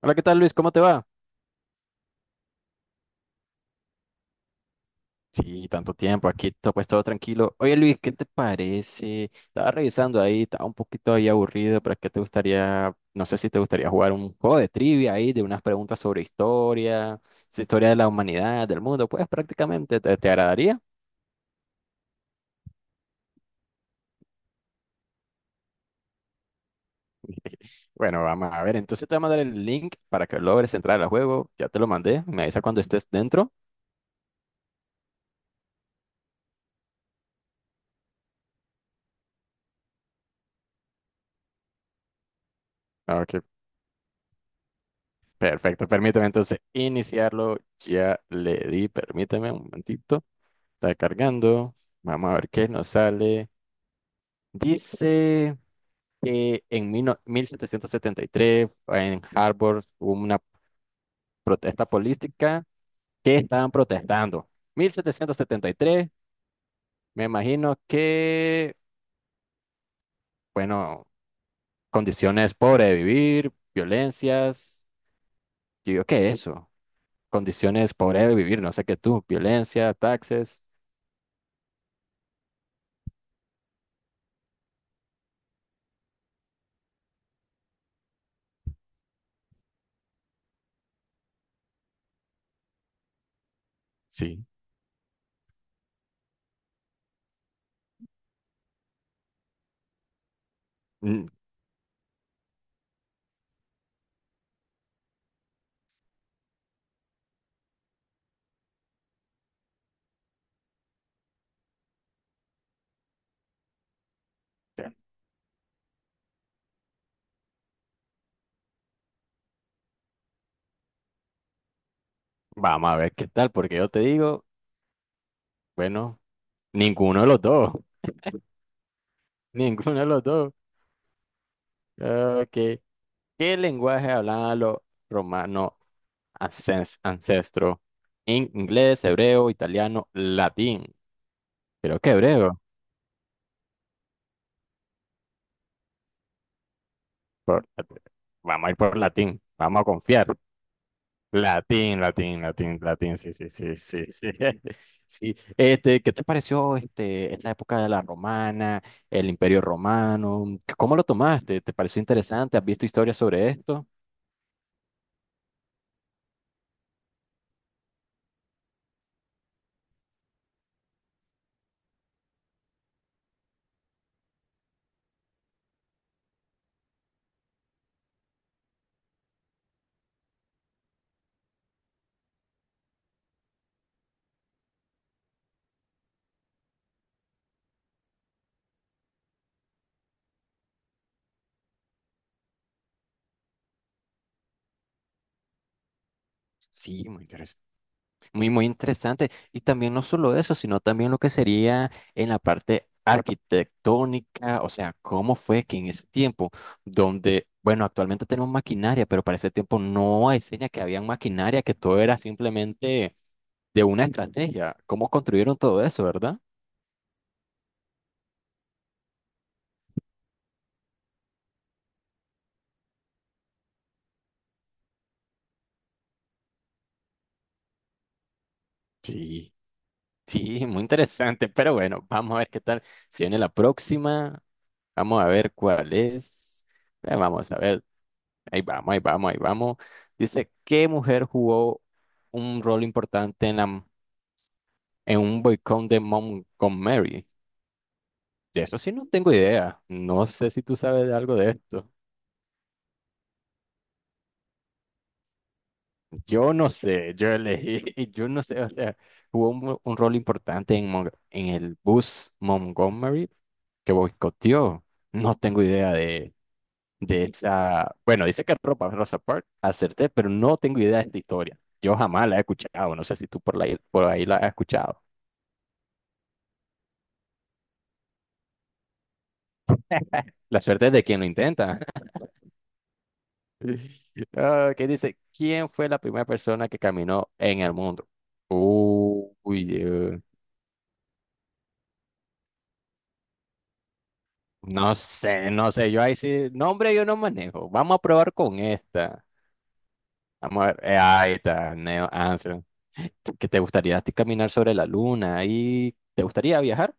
Hola, ¿qué tal Luis? ¿Cómo te va? Sí, tanto tiempo, aquí pues todo tranquilo. Oye Luis, ¿qué te parece? Estaba revisando ahí, estaba un poquito ahí aburrido, pero ¿qué te gustaría? No sé si te gustaría jugar un juego de trivia ahí, de unas preguntas sobre historia, historia de la humanidad, del mundo, pues prácticamente, ¿te agradaría? Bueno, vamos a ver, entonces te voy a mandar el link para que logres entrar al juego, ya te lo mandé, me avisa cuando estés dentro. Ok, perfecto, permíteme entonces iniciarlo, ya le di, permíteme un momentito. Está cargando. Vamos a ver qué nos sale. Dice que en mil no- 1773 en Harvard hubo una protesta política. ¿Qué estaban protestando? 1773, me imagino que, bueno, condiciones pobres de vivir, violencias. Yo digo, ¿qué es eso? Condiciones pobres de vivir, no sé qué tú, violencia, taxes. Sí. Mm. Vamos a ver qué tal, porque yo te digo, bueno, ninguno de los dos. Ninguno de los dos. Okay. ¿Qué lenguaje hablaban los romanos ancestros? Inglés, hebreo, italiano, latín. Creo que hebreo. Por- Vamos a ir por latín. Vamos a confiar. Latín, latín, latín, latín. Sí, sí, sí, sí, sí. Sí. Este, ¿qué te pareció este, esta época de la romana, el imperio romano? ¿Cómo lo tomaste? ¿Te pareció interesante? ¿Has visto historias sobre esto? Sí, muy interesante. Muy, muy interesante. Y también no solo eso, sino también lo que sería en la parte arquitectónica, o sea, cómo fue que en ese tiempo, donde, bueno, actualmente tenemos maquinaria, pero para ese tiempo no hay seña que había maquinaria, que todo era simplemente de una estrategia. ¿Cómo construyeron todo eso, verdad? Sí, sí, muy interesante. Pero bueno, vamos a ver qué tal. Si viene la próxima, vamos a ver cuál es. Vamos a ver. Ahí vamos, ahí vamos, ahí vamos. Dice, ¿qué mujer jugó un rol importante en un boicot de Montgomery? De eso sí no tengo idea. No sé si tú sabes de algo de esto. Yo no sé, yo elegí, yo no sé, o sea, jugó un rol importante en el bus Montgomery que boicoteó. No tengo idea de esa. Bueno, dice que ropa Rosa Parks, acerté, pero no tengo idea de esta historia. Yo jamás la he escuchado, no sé si tú por ahí la has escuchado. La suerte es de quien lo intenta. Ah, ¿qué dice? ¿Quién fue la primera persona que caminó en el mundo? Uy, no sé, no sé. Yo ahí sí, nombre yo no manejo. Vamos a probar con esta. Vamos a ver. Ahí está, Neo Armstrong. ¿Qué te gustaría a ti caminar sobre la luna? ¿Y te gustaría viajar?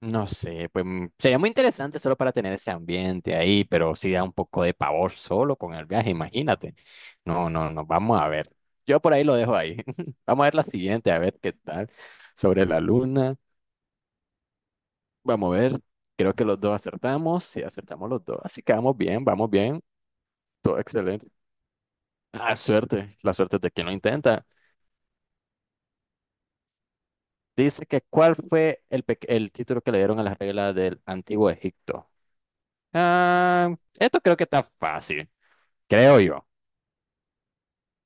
No sé, pues sería muy interesante solo para tener ese ambiente ahí, pero sí da un poco de pavor solo con el viaje, imagínate. No, no, no, vamos a ver. Yo por ahí lo dejo ahí. Vamos a ver la siguiente, a ver qué tal. Sobre la luna, vamos a ver. Creo que los dos acertamos, sí, acertamos los dos. Así que vamos bien, vamos bien. Todo excelente. Ah, suerte, la suerte es de quien lo intenta. Dice que ¿cuál fue el título que le dieron a las reglas del Antiguo Egipto? Ah, esto creo que está fácil, creo yo.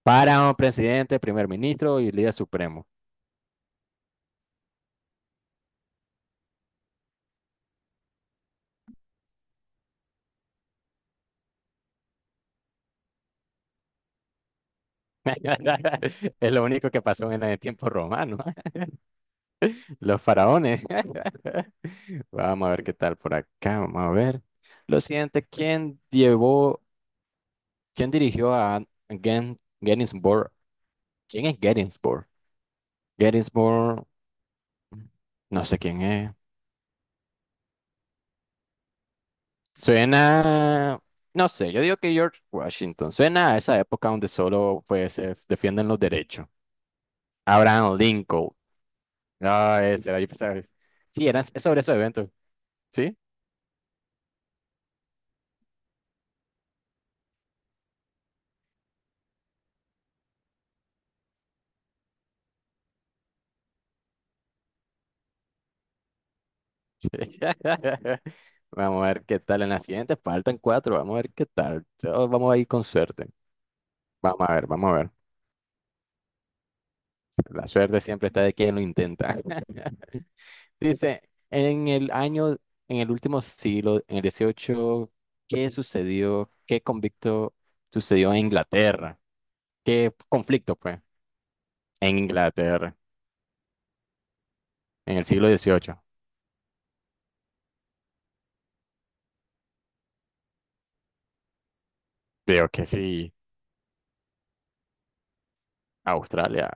Para un presidente, primer ministro y líder supremo. Es lo único que pasó en el tiempo romano. Los faraones. Vamos a ver qué tal por acá. Vamos a ver. Lo siguiente, ¿quién llevó, quién dirigió a Gettysburg? ¿Quién es Gettysburg? Gettysburg, no sé quién es. Suena, no sé, yo digo que George Washington. Suena a esa época donde solo pues se defienden los derechos. Abraham Lincoln. No, ese era, sí, era es sobre esos eventos. ¿Sí? Vamos a ver qué tal en la siguiente. Faltan cuatro. Vamos a ver qué tal. Todos vamos a ir con suerte. Vamos a ver, vamos a ver. La suerte siempre está de quien lo intenta. Dice, en el año, en el último siglo, en el 18, ¿qué sucedió? ¿Qué convicto sucedió en Inglaterra? ¿Qué conflicto, pues? En Inglaterra, en el siglo 18. Creo que sí. Australia.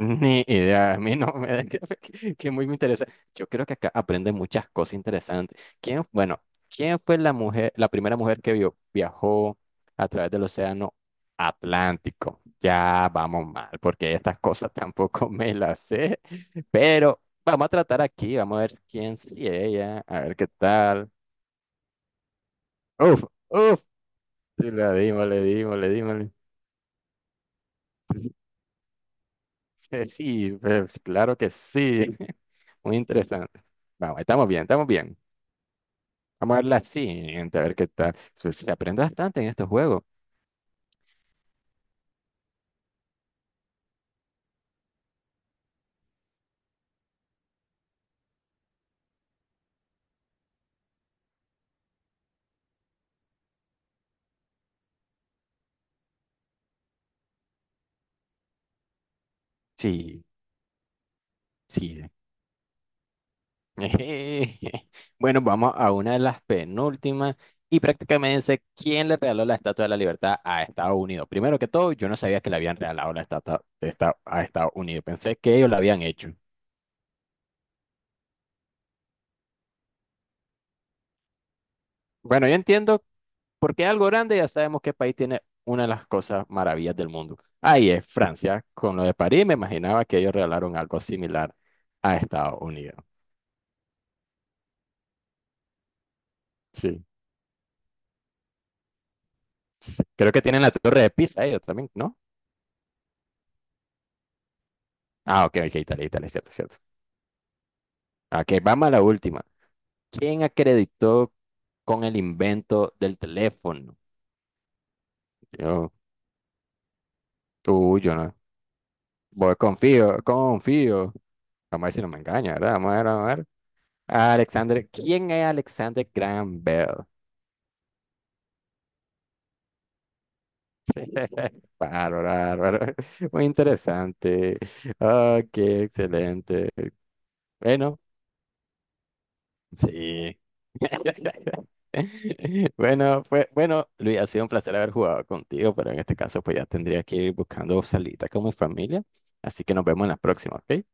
Ni idea, a mí no me que muy me interesa. Yo creo que acá aprende muchas cosas interesantes. ¿Quién, bueno, quién fue la mujer, la primera mujer que viajó a través del océano Atlántico? Ya vamos mal, porque estas cosas tampoco me las sé. Pero vamos a tratar aquí, vamos a ver quién sí ella, a ver qué tal. Uf, uf, sí, le dimos, le dimos, le dimos. Sí, sí, pues, claro que sí. Muy interesante. Vamos, estamos bien, estamos bien. Vamos a verla así, gente, a ver qué tal. Se aprende bastante en estos juegos. Sí, sí. Bueno, vamos a una de las penúltimas. Y prácticamente dice, quién le regaló la Estatua de la Libertad a Estados Unidos. Primero que todo, yo no sabía que le habían regalado la estatua de a Estados Unidos. Pensé que ellos la habían hecho. Bueno, yo entiendo por qué algo grande, ya sabemos que el país tiene una de las cosas maravillas del mundo. Ahí es Francia, con lo de París, me imaginaba que ellos regalaron algo similar a Estados Unidos. Sí. Sí, creo que tienen la torre de Pisa ellos también, ¿no? Ah, ok, ok, Italia, Italia, es cierto, es cierto. Ok, vamos a la última. ¿Quién acreditó con el invento del teléfono? Yo, tú, yo no. Voy, confío, confío. Vamos a ver si no me engaña, ¿verdad? Vamos a ver, vamos a ver. Alexander, ¿quién es Alexander Graham Bell? Bárbaro, bárbaro. Muy interesante. Ok, excelente. Bueno. Sí. Bueno, fue, bueno, Luis, ha sido un placer haber jugado contigo, pero en este caso pues ya tendría que ir buscando salita con mi familia, así que nos vemos en la próxima, ¿ok?